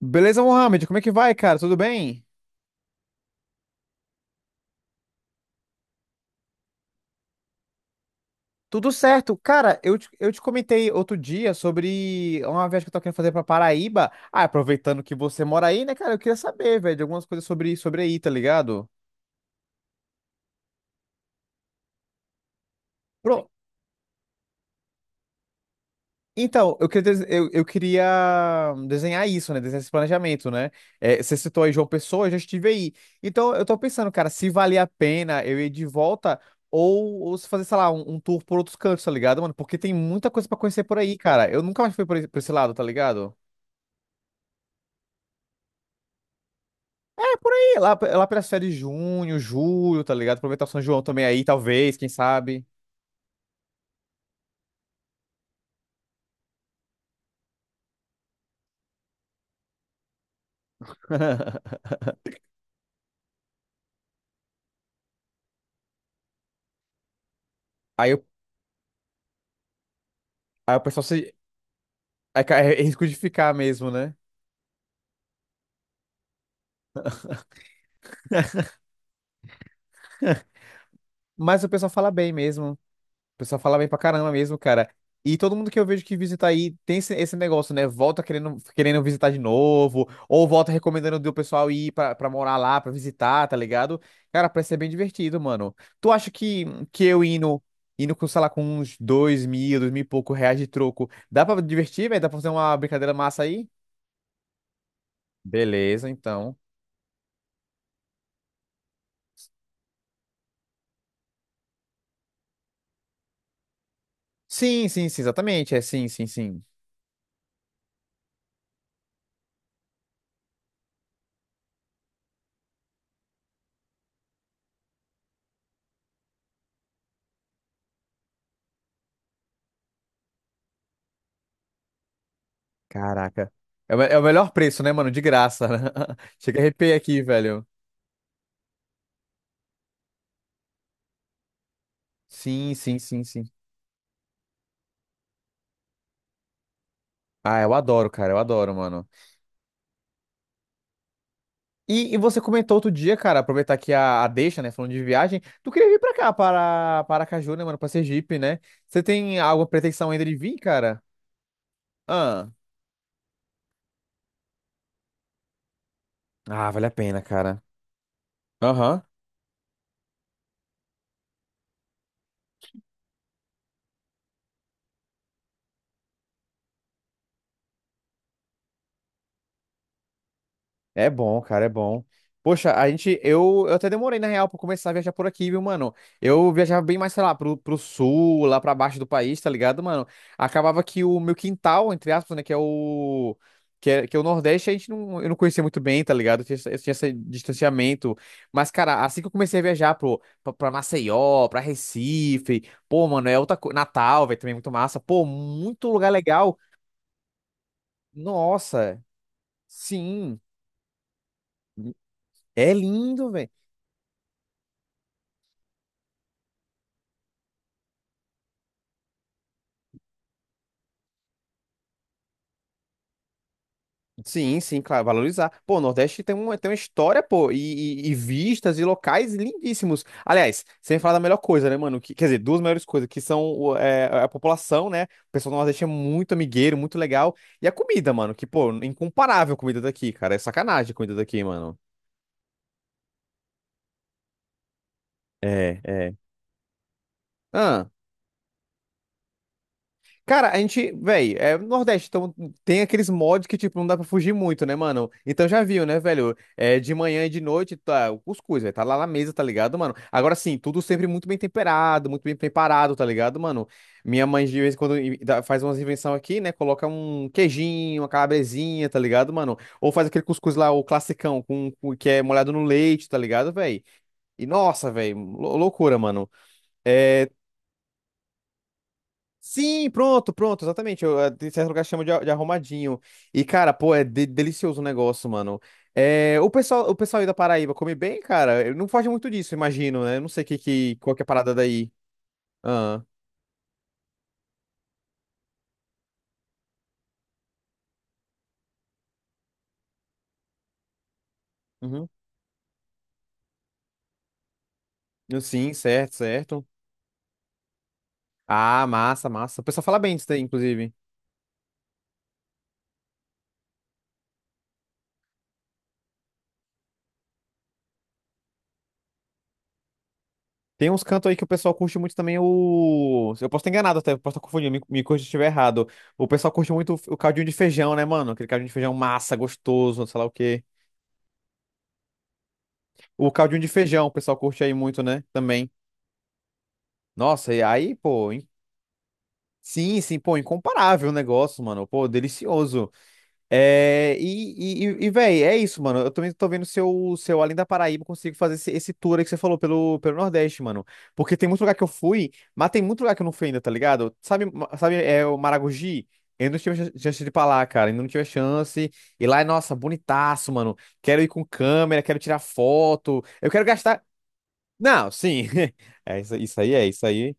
Beleza, Mohamed? Como é que vai, cara? Tudo bem? Tudo certo. Cara, Eu te comentei outro dia sobre uma viagem que eu tô querendo fazer pra Paraíba. Aproveitando que você mora aí, né, cara? Eu queria saber, velho, de algumas coisas sobre aí, tá ligado? pro- Então, eu queria desenhar isso, né? Desenhar esse planejamento, né? É, você citou aí João Pessoa, eu já estive aí. Então, eu tô pensando, cara, se valia a pena eu ir de volta ou se fazer, sei lá, um tour por outros cantos, tá ligado, mano? Porque tem muita coisa pra conhecer por aí, cara. Eu nunca mais fui por esse lado, tá ligado? É, por aí, lá, lá pelas férias de junho, julho, tá ligado? Aproveitar o São João também aí, talvez, quem sabe. Aí, o- aí o pessoal se. É, é risco de ficar mesmo, né? Mas o pessoal fala bem mesmo. O pessoal fala bem pra caramba mesmo, cara. E todo mundo que eu vejo que visita aí tem esse negócio, né? Volta querendo visitar de novo, ou volta recomendando do pessoal ir pra morar lá, pra visitar, tá ligado? Cara, parece ser bem divertido, mano. Tu acha que indo com, sei lá, com uns 2.000 e poucos reais de troco, dá pra divertir, velho? Dá pra fazer uma brincadeira massa aí? Beleza, então. Sim, sim, sim, exatamente. É sim, sim, sim. Caraca. É é o melhor preço, né, mano? De graça. Né? Chega a arrepiar aqui, velho. Sim, sim, sim, sim. Ah, eu adoro, cara, eu adoro, mano. E você comentou outro dia, cara, aproveitar aqui a deixa, né, falando de viagem, tu queria vir pra cá, para Aracaju, né, mano, pra Sergipe, né? Você tem alguma pretensão ainda de vir, cara? Ah, ah, vale a pena, cara. Aham. É bom, cara, é bom. Poxa, eu até demorei, na real, pra começar a viajar por aqui, viu, mano? Eu viajava bem mais, sei lá, pro sul, lá pra baixo do país, tá ligado, mano? Acabava que o meu quintal, entre aspas, né, que é o. Que é o Nordeste, a gente não, eu não conhecia muito bem, tá ligado? Eu tinha esse distanciamento. Mas, cara, assim que eu comecei a viajar pra Maceió, pra Recife, pô, mano, é outra coisa. Natal, velho, também é muito massa. Pô, muito lugar legal. Nossa, sim. É lindo, velho. Sim, sim, claro, valorizar. Pô, o Nordeste tem tem uma história, pô, e vistas e locais lindíssimos. Aliás, sem falar da melhor coisa, né, mano? Quer dizer, duas melhores coisas, que são é, a população, né? O pessoal do Nordeste é muito amigueiro, muito legal. E a comida, mano, que, pô, incomparável a comida daqui, cara. É sacanagem a comida daqui, mano. É, é. Ah. Cara, a gente, velho, é Nordeste, então tem aqueles mods que, tipo, não dá pra fugir muito, né, mano? Então já viu, né, velho? É, de manhã e de noite, tá, o cuscuz, velho, tá lá na mesa, tá ligado, mano? Agora sim, tudo sempre muito bem temperado, muito bem preparado, tá ligado, mano? Minha mãe, de vez em quando, faz umas invenções aqui, né? Coloca um queijinho, uma calabresinha, tá ligado, mano? Ou faz aquele cuscuz lá, o classicão, que é molhado no leite, tá ligado, velho? E nossa, velho, loucura, mano. É, sim, pronto, pronto, exatamente. Em certo lugar chama de, de arrumadinho. E, cara, pô, delicioso o negócio, mano. É, o pessoal aí da Paraíba come bem, cara. Eu Não foge muito disso, imagino, né? Eu Não sei qual que é a parada daí. Ah, uhum. Sim, certo, certo. Ah, massa, massa. O pessoal fala bem disso daí, inclusive. Tem uns cantos aí que o pessoal curte muito também o. Eu posso estar enganado até, eu posso estar confundindo, me corrija se estiver errado. O pessoal curte muito o caldinho de feijão, né, mano? Aquele caldinho de feijão massa, gostoso, sei lá o quê. O caldinho de feijão, o pessoal curte aí muito, né? Também. Nossa, e aí, pô, in- sim, sim, pô, incomparável o negócio, mano. Pô, delicioso. Véi, é isso, mano. Eu também tô vendo se eu, além da Paraíba, consigo fazer esse tour aí que você falou pelo Nordeste, mano. Porque tem muito lugar que eu fui, mas tem muito lugar que eu não fui ainda, tá ligado? Sabe, é o Maragogi? Eu não tive chance de ir pra lá, cara. Ainda não tive chance. E lá é, nossa, bonitaço, mano. Quero ir com câmera, quero tirar foto. Eu quero gastar. Não, sim. Isso aí é, isso aí.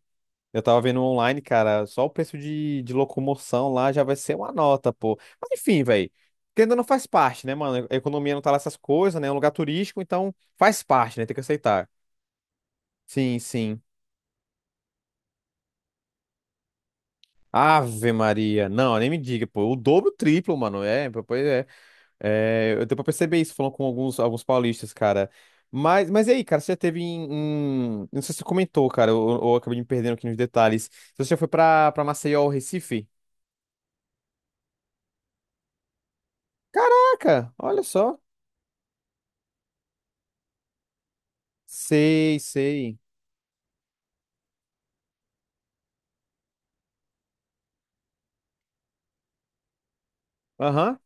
Eu tava vendo online, cara, só o preço de locomoção lá já vai ser uma nota, pô. Mas enfim, velho. Ainda não faz parte, né, mano? A economia não tá lá essas coisas, né? É um lugar turístico, então faz parte, né? Tem que aceitar. Sim, sim. Ave Maria. Não, nem me diga, pô. O dobro, o triplo, mano. É, pois é. É, eu deu pra perceber isso falando com alguns paulistas, cara. Mas e aí, cara, você já teve Não sei se você comentou, cara, ou eu acabei me perdendo aqui nos detalhes. Você já foi pra Maceió ou Recife? Caraca, olha só. Sei, sei. Aham.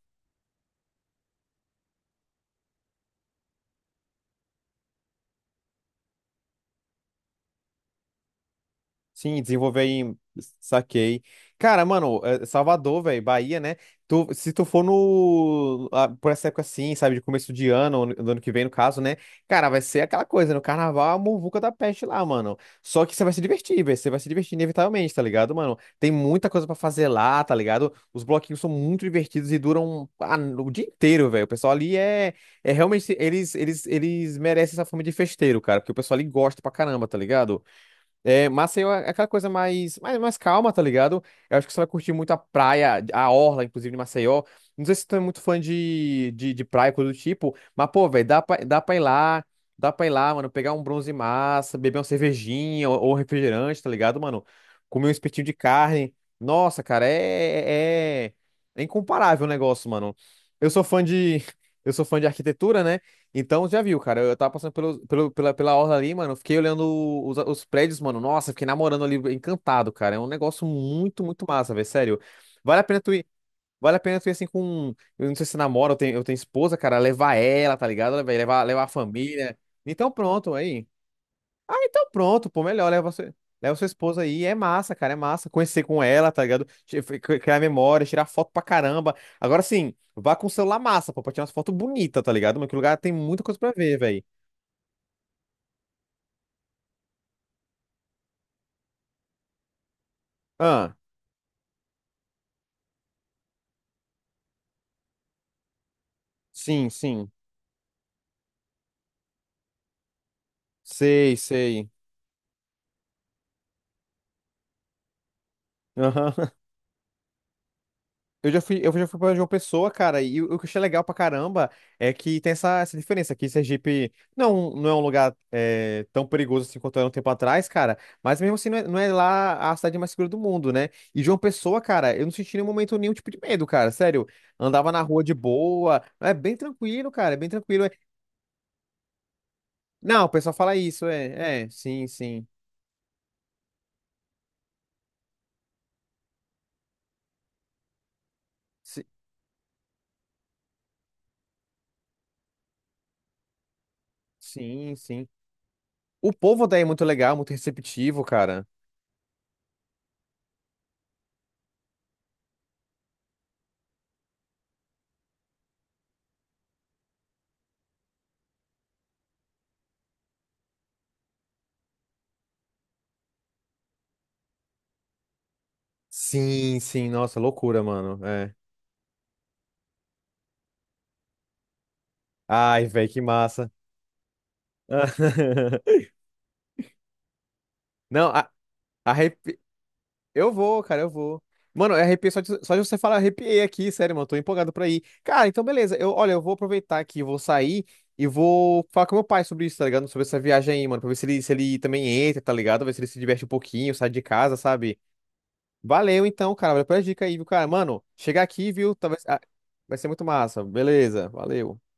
Sim, desenvolver em. Saquei. Cara, mano, é, Salvador, velho, Bahia, né? Se tu for no. Por essa época assim, sabe, de começo de ano, ou do ano que vem, no caso, né? Cara, vai ser aquela coisa, no carnaval, é a muvuca da peste lá, mano. Só que você vai se divertir, velho. Você vai se divertir inevitavelmente, tá ligado, mano? Tem muita coisa pra fazer lá, tá ligado? Os bloquinhos são muito divertidos e duram o dia inteiro, velho. O pessoal ali é. É realmente. Eles merecem essa fama de festeiro, cara, porque o pessoal ali gosta pra caramba, tá ligado? É, Maceió é aquela coisa mais calma, tá ligado? Eu acho que você vai curtir muito a praia, a orla, inclusive, de Maceió. Não sei se tu é muito fã de praia, coisa do tipo, mas, pô, velho, dá pra ir lá, dá pra ir lá, mano, pegar um bronze massa, beber uma cervejinha ou um refrigerante, tá ligado, mano? Comer um espetinho de carne. Nossa, cara, é incomparável o negócio, mano. Eu sou fã de, eu sou fã de arquitetura, né? Então, já viu, cara. Eu tava passando pela orla ali, mano. Fiquei olhando os prédios, mano. Nossa, fiquei namorando ali, encantado, cara. É um negócio muito massa, velho. Sério. Vale a pena tu ir. Vale a pena tu ir assim com. Eu não sei se namora, eu tenho esposa, cara. Levar ela, tá ligado? Velho? Levar a família. Então, pronto, aí. Ah, então pronto, pô. Melhor, leva sua esposa aí. É massa, cara. É massa. Conhecer com ela, tá ligado? Criar memória, tirar foto pra caramba. Agora sim, vá com o celular massa, pô, pra tirar umas fotos bonitas, tá ligado? Mas que lugar tem muita coisa pra ver, velho. Ah, sim, sim. Sei, sei. Aham. Eu já fui pra João Pessoa, cara, e o que eu achei legal pra caramba é que tem essa diferença aqui. Sergipe não, não é um lugar tão perigoso assim quanto era um tempo atrás, cara, mas mesmo assim não é lá a cidade mais segura do mundo, né? E João Pessoa, cara, eu não senti em nenhum momento nenhum tipo de medo, cara, sério. Andava na rua de boa, é bem tranquilo, cara, é bem tranquilo. Não, o pessoal fala isso, é, é, sim, sim. Si- Sim, sim. O povo daí é muito legal, muito receptivo, cara. Sim, sim, nossa, loucura, mano. É. Ai, velho, que massa. Não, a, arrepi... eu vou, cara, eu vou. Mano, eu arrepiei só de você falar, arrepiei aqui, sério, mano, tô empolgado pra ir. Cara, então beleza, olha, eu vou aproveitar aqui, vou sair e vou falar com meu pai sobre isso, tá ligado? Sobre essa viagem aí, mano, pra ver se ele também entra, tá ligado? Ver se ele se diverte um pouquinho, sai de casa, sabe? Valeu então, cara. Valeu pela dica aí, viu, cara? Mano, chegar aqui, viu? Talvez. Vai ser muito massa. Beleza, valeu.